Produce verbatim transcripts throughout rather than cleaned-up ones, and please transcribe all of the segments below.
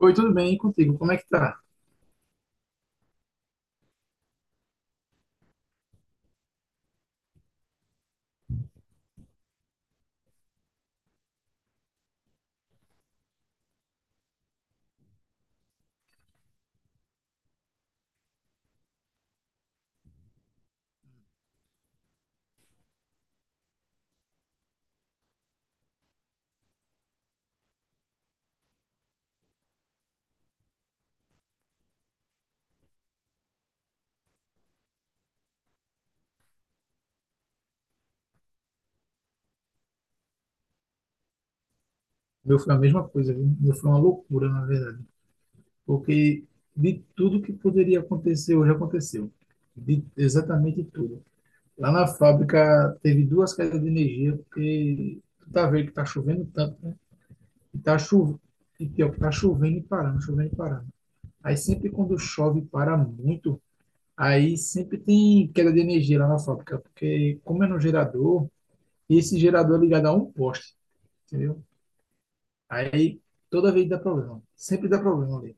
Oi, tudo bem? E contigo? Como é que tá? O meu foi a mesma coisa, viu? O meu foi uma loucura, na verdade. Porque de tudo que poderia acontecer hoje aconteceu. De exatamente tudo. Lá na fábrica teve duas quedas de energia, porque tu tá vendo que tá chovendo tanto, né? E tá chovendo, e pior, que tá chovendo e parando, chovendo e parando. Aí sempre quando chove e para muito, aí sempre tem queda de energia lá na fábrica, porque como é no gerador, e esse gerador é ligado a um poste, entendeu? Aí toda vez dá problema. Sempre dá problema ali.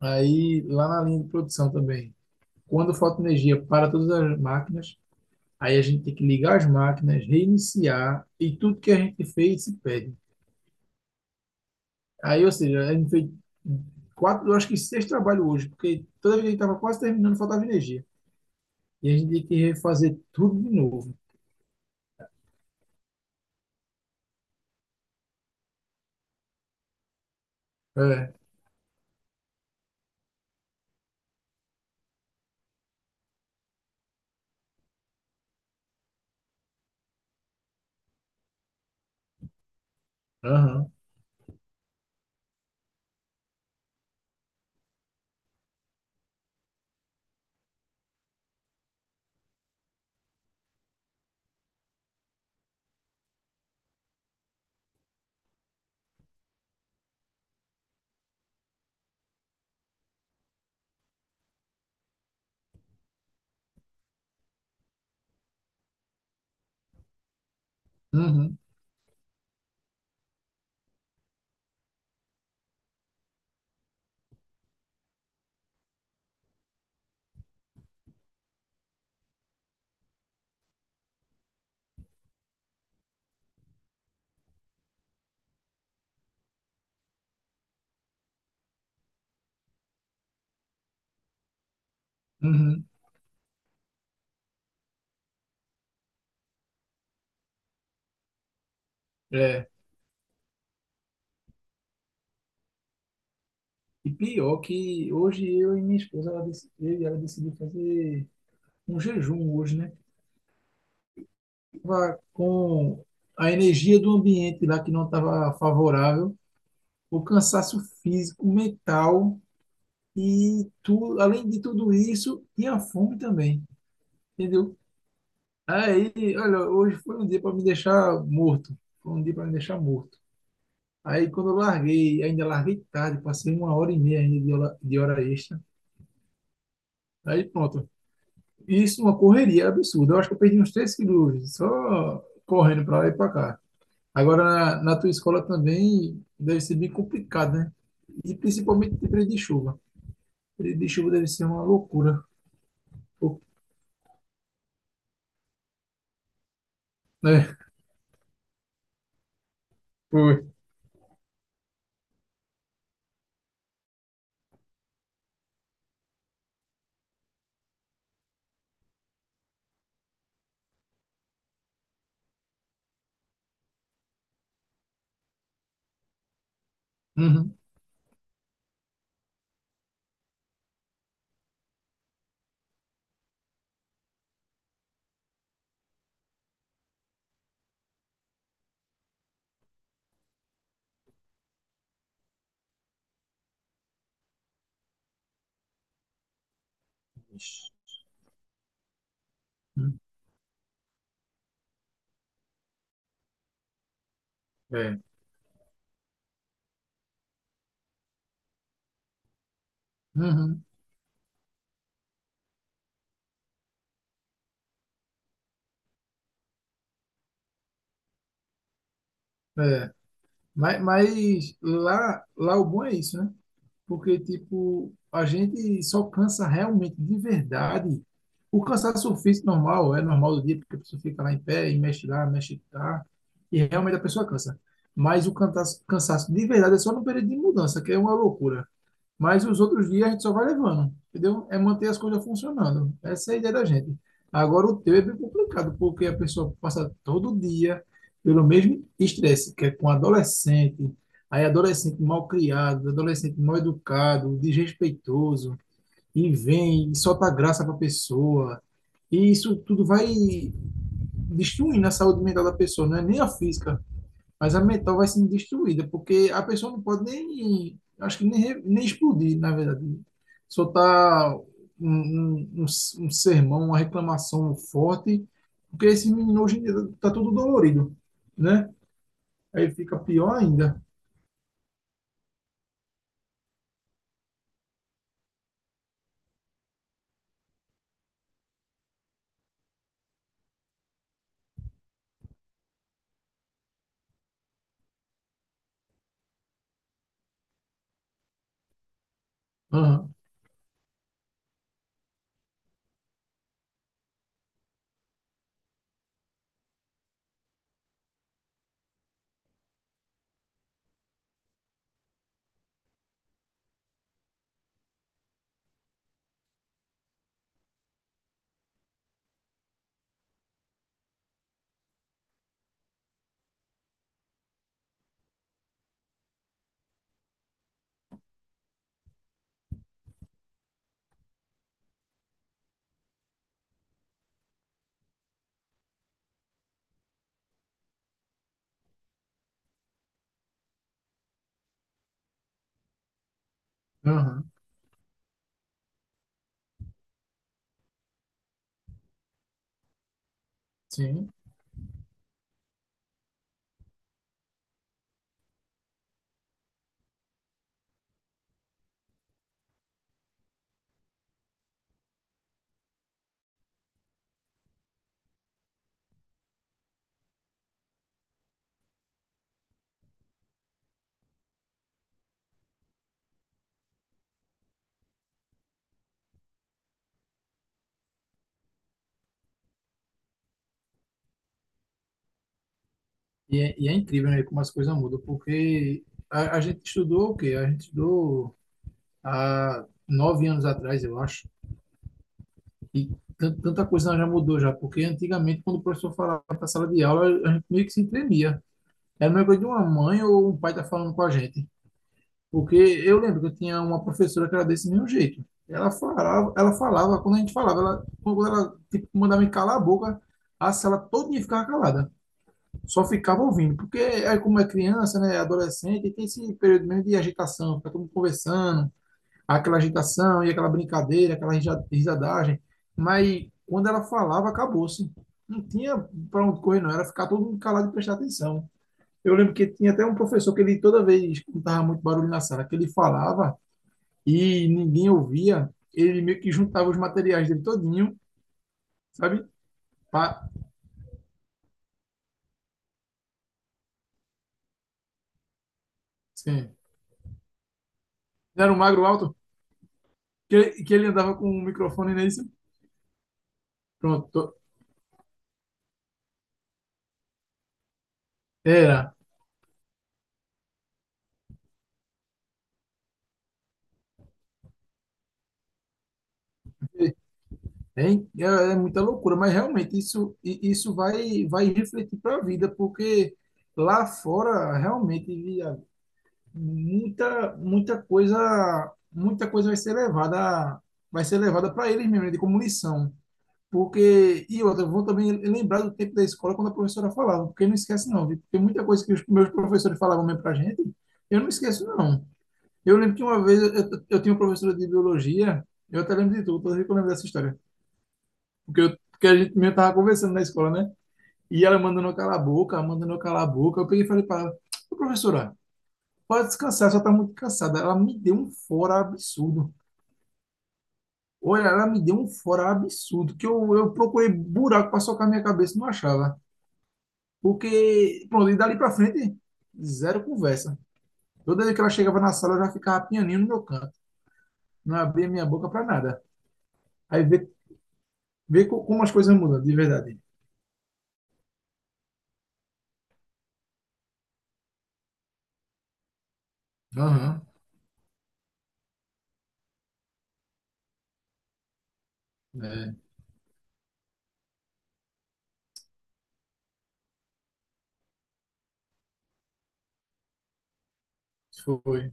Aí lá na linha de produção também. Quando falta energia para todas as máquinas, aí a gente tem que ligar as máquinas, reiniciar e tudo que a gente fez se perde. Aí, ou seja, a gente fez quatro, eu acho que seis trabalhos hoje, porque toda vez que a gente estava quase terminando, faltava energia. E a gente tem que refazer tudo de novo. É, aham, uhum, uhum, é. E pior que hoje eu e minha esposa, ela, dec- eu e ela decidiu fazer um jejum hoje, né? Tava com a energia do ambiente lá que não estava favorável, o cansaço físico, mental e tu, além de tudo isso, tinha fome também, entendeu? Aí, olha, hoje foi um dia para me deixar morto, foi um dia para me deixar morto. Aí quando eu larguei, ainda larguei tarde, passei uma hora e meia ainda de hora, de hora extra. Aí pronto. Isso é uma correria absurda. Eu acho que eu perdi uns três quilos só correndo para lá e para cá. Agora, na, na tua escola também deve ser bem complicado, né? E principalmente de período de chuva. Período de chuva deve ser uma loucura. Pô, né? Foi. Uhum. Ixi. É. Uhum. É. Mas, mas lá, lá o bom é isso, né? Porque, tipo, a gente só cansa realmente, de verdade. O cansaço físico normal, é normal do dia, porque a pessoa fica lá em pé e mexe lá, mexe cá, e realmente a pessoa cansa. Mas o cansaço, cansaço de verdade é só no período de mudança, que é uma loucura. Mas os outros dias a gente só vai levando, entendeu? É manter as coisas funcionando. Essa é a ideia da gente. Agora o teu é bem complicado, porque a pessoa passa todo dia pelo mesmo estresse, que é com adolescente, aí adolescente mal criado, adolescente mal educado, desrespeitoso, e vem e solta graça para a pessoa. E isso tudo vai destruindo a saúde mental da pessoa, não é nem a física. Mas a mental vai sendo destruída, porque a pessoa não pode nem, acho que nem, re- nem explodir, na verdade. Soltar um, um, um s- um sermão, uma reclamação forte, porque esse menino hoje em dia tá todo dolorido, né? Aí fica pior ainda. Aham, aham, sim. E é, e é incrível, né, como as coisas mudam, porque a, a gente estudou o quê? A gente estudou há nove anos atrás, eu acho. E tanta coisa já mudou já, porque antigamente, quando o professor falava na sala de aula, a gente meio que se tremia. Era uma coisa de uma mãe ou um pai tá falando com a gente. Porque eu lembro que eu tinha uma professora que era desse mesmo jeito. Ela falava, ela falava quando a gente falava, ela, quando ela tipo, mandava me calar a boca, a sala toda ficava calada. Só ficava ouvindo, porque aí como é criança, né, adolescente, tem esse período mesmo de agitação, fica todo mundo conversando, aquela agitação e aquela brincadeira, aquela rija- risadagem. Mas quando ela falava, acabou-se. Não tinha para onde correr, não. Era ficar todo mundo calado e prestar atenção. Eu lembro que tinha até um professor que ele, toda vez que estava muito barulho na sala, que ele falava e ninguém ouvia, ele meio que juntava os materiais dele todinho, sabe? Pá, sim. Era um magro alto, que, que ele andava com um microfone nesse. Pronto. Era. É, é é muita loucura, mas realmente isso, i- isso vai, vai refletir para a vida, porque lá fora realmente via muita, muita coisa, muita coisa vai ser levada, vai ser levada para eles mesmo, né, de como lição. Porque, e outra, eu vou também lembrar do tempo da escola quando a professora falava, porque não esquece não, viu? Tem muita coisa que os meus professores falavam mesmo para gente, eu não esqueço não. Eu lembro que uma vez eu, eu, eu tinha uma professora de biologia, eu até lembro de tudo, toda vez que eu lembro dessa história porque, eu, porque a gente mesmo tava conversando na escola, né? E ela mandando eu calar a boca, ela mandando eu calar a boca. Eu peguei e falei para ela, "Ô, professora, pode descansar, só tá muito cansada." Ela me deu um fora absurdo. Olha, ela me deu um fora absurdo, que eu, eu procurei buraco para socar minha cabeça e não achava. Porque, pronto, e dali para frente, zero conversa. Toda vez que ela chegava na sala, eu já ficava pianinho no meu canto. Não abria minha boca para nada. Aí vê, vê co- como as coisas mudam, de verdade. Aham, é, foi.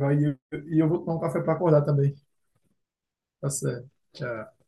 Vai, e eu e eu vou tomar um café para acordar também. Tá certo. Tchau.